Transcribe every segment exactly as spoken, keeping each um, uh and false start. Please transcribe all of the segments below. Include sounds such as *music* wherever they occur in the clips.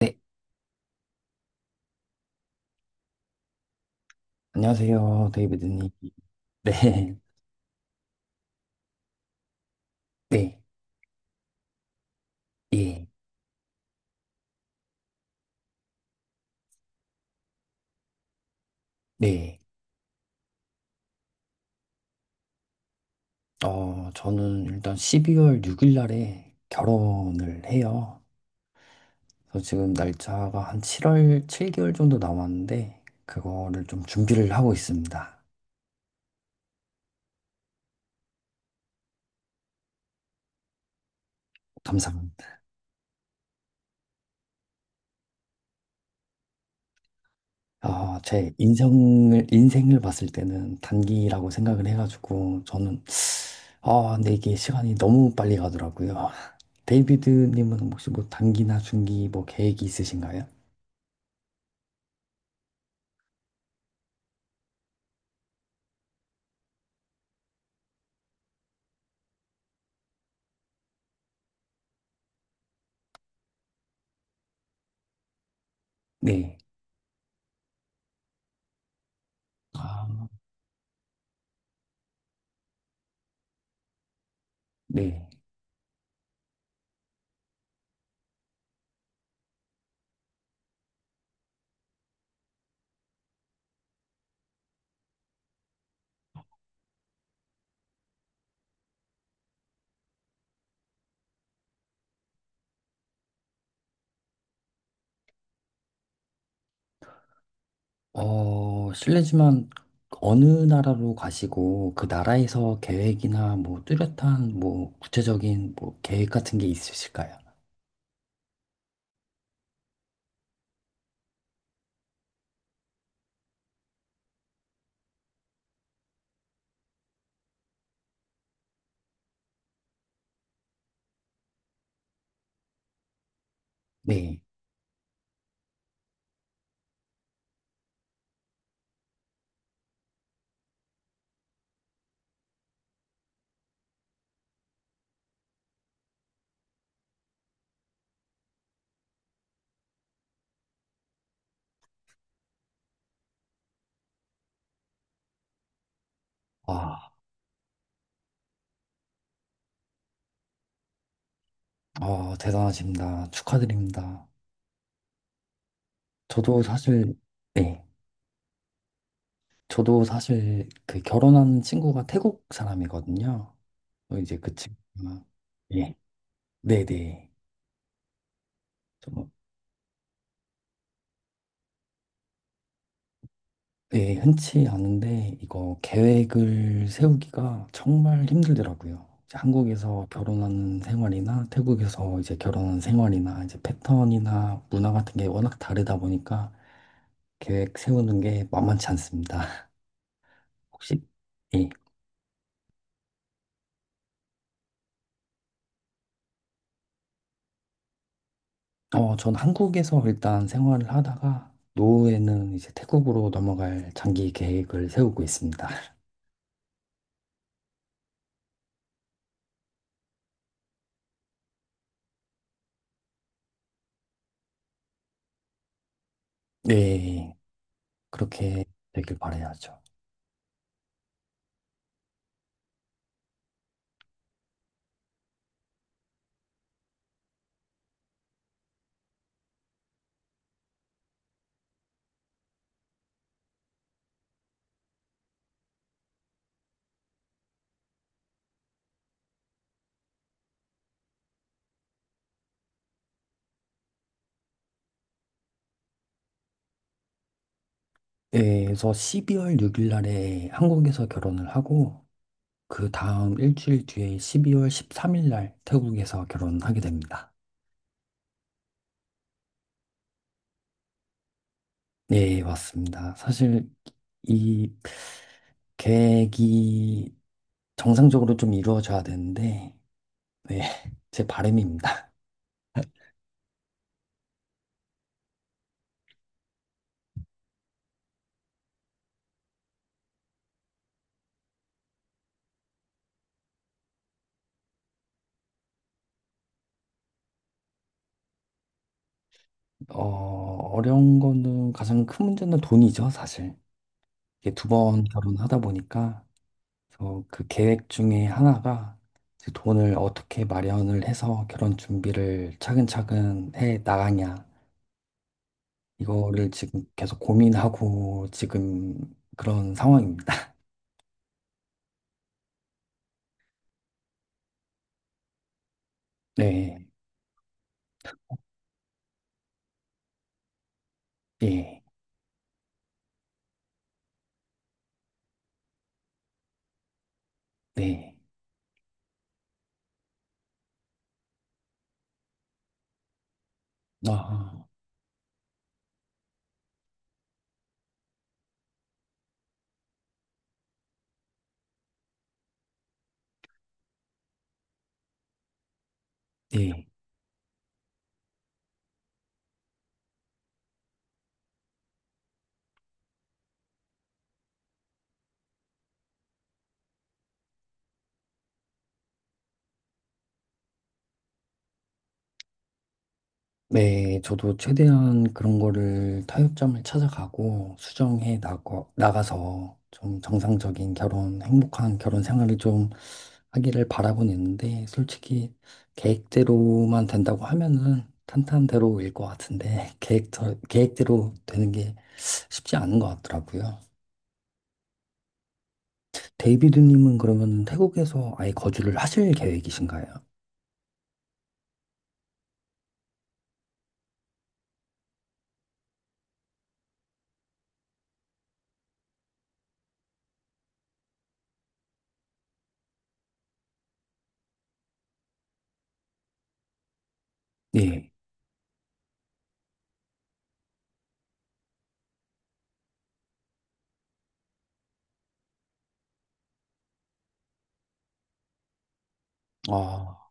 네, 안녕하세요, 데이비드님. *laughs* 네, 네, 예, 네. 어, 저는 일단 십이 월 육 일 날에 결혼을 해요. 그래서 지금 날짜가 한 칠 월 칠 개월 정도 남았는데, 그거를 좀 준비를 하고 있습니다. 감사합니다. 아, 제 인생을, 인생을 봤을 때는 단기라고 생각을 해가지고, 저는, 아, 근데 이게 시간이 너무 빨리 가더라고요. *laughs* 데이비드님은 혹시 뭐 단기나 중기 뭐 계획이 있으신가요? 네. 아, 네. 어, 실례지만 어느 나라로 가시고 그 나라에서 계획이나 뭐 뚜렷한 뭐 구체적인 뭐 계획 같은 게 있으실까요? 네. 와, 어, 대단하십니다. 축하드립니다. 저도 사실, 네. 저도 사실 그 결혼한 친구가 태국 사람이거든요. 어, 이제 그 친구가, 예. 네네. 네, 흔치 않은데 이거 계획을 세우기가 정말 힘들더라고요. 이제 한국에서 결혼하는 생활이나 태국에서 이제 결혼하는 생활이나 이제 패턴이나 문화 같은 게 워낙 다르다 보니까 계획 세우는 게 만만치 않습니다. *laughs* 혹시 예. 어, 전 한국에서 일단 생활을 하다가 노후에는 이제 태국으로 넘어갈 장기 계획을 세우고 있습니다. *laughs* 네, 그렇게 되길 바라야죠. 네, 그래서 십이 월 육 일 날에 한국에서 결혼을 하고 그 다음 일주일 뒤에 십이 월 십삼 일 날 태국에서 결혼하게 됩니다. 네, 맞습니다. 사실 이 계획이 정상적으로 좀 이루어져야 되는데 네, *laughs* 제 바람입니다. 어, 어려운 거는 가장 큰 문제는 돈이죠, 사실. 이게 두 번 결혼하다 보니까 그래서 그 계획 중에 하나가 이제 돈을 어떻게 마련을 해서 결혼 준비를 차근차근 해 나가냐. 이거를 지금 계속 고민하고 지금 그런 상황입니다. *laughs* 네, 네, 네. 아, 네. 네, 저도 최대한 그런 거를 타협점을 찾아가고 수정해 나가, 나가서 좀 정상적인 결혼, 행복한 결혼 생활을 좀 하기를 바라고는 있는데 솔직히 계획대로만 된다고 하면은 탄탄대로일 것 같은데 *laughs* 계획, 계획대로 되는 게 쉽지 않은 것 같더라고요. 데이비드님은 그러면 태국에서 아예 거주를 하실 계획이신가요? 네. 아,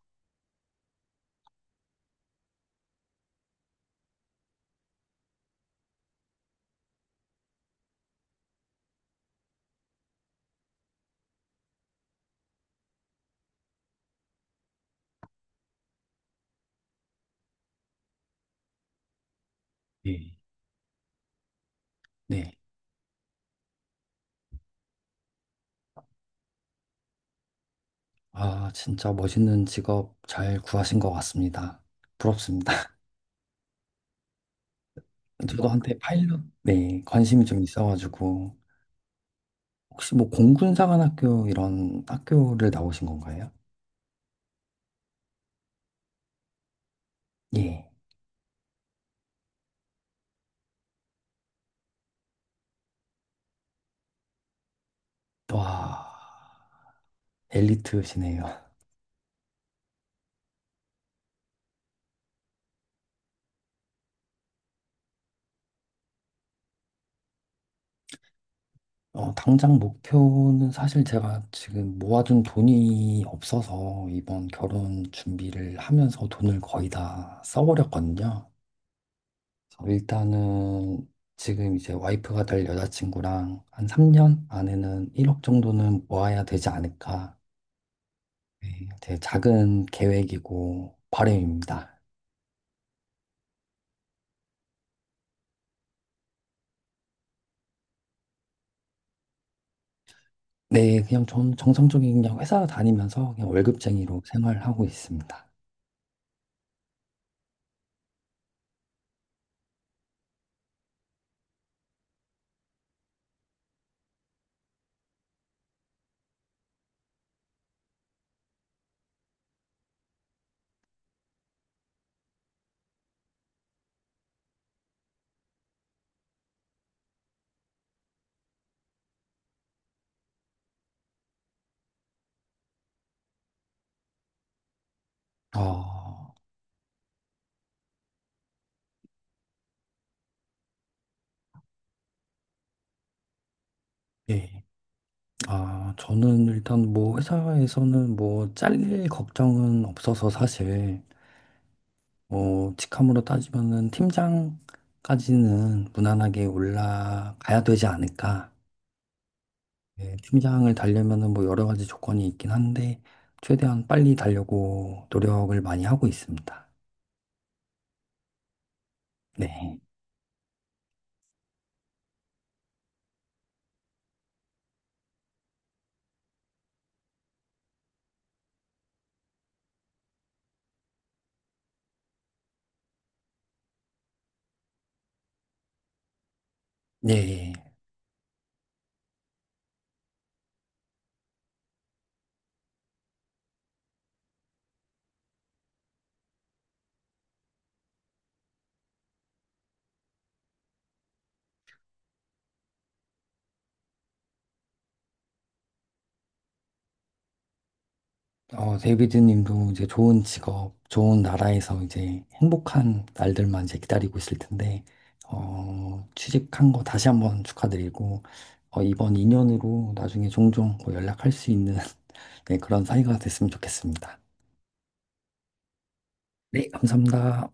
네. 네. 아, 진짜 멋있는 직업 잘 구하신 것 같습니다. 부럽습니다. *laughs* 저도 한때 파일럿, 네, 관심이 좀 있어가지고. 혹시 뭐 공군사관학교 이런 학교를 나오신 건가요? 예. 와, 엘리트시네요. 어, 당장 목표는 사실 제가 지금 모아둔 돈이 없어서 이번 결혼 준비를 하면서 돈을 거의 다 써버렸거든요. 그래서 일단은 지금 이제 와이프가 될 여자친구랑 한 삼 년 안에는 일억 정도는 모아야 되지 않을까. 네, 제 작은 계획이고 바람입니다. 네, 그냥 좀 정상적인 그냥 회사 다니면서 그냥 월급쟁이로 생활하고 있습니다. 아, 네. 아, 저는 일단 뭐 회사에서는 뭐 잘릴 걱정은 없어서 사실 뭐 직함으로 따지면은 팀장까지는 무난하게 올라가야 되지 않을까. 예, 팀장을 달려면은 뭐 여러 가지 조건이 있긴 한데 최대한 빨리 달려고 노력을 많이 하고 있습니다. 네. 네. 어, 데이비드님도 이제 좋은 직업, 좋은 나라에서 이제 행복한 날들만 이제 기다리고 있을 텐데, 어, 취직한 거 다시 한번 축하드리고, 어, 이번 인연으로 나중에 종종 뭐 연락할 수 있는 *laughs* 네, 그런 사이가 됐으면 좋겠습니다. 네, 감사합니다.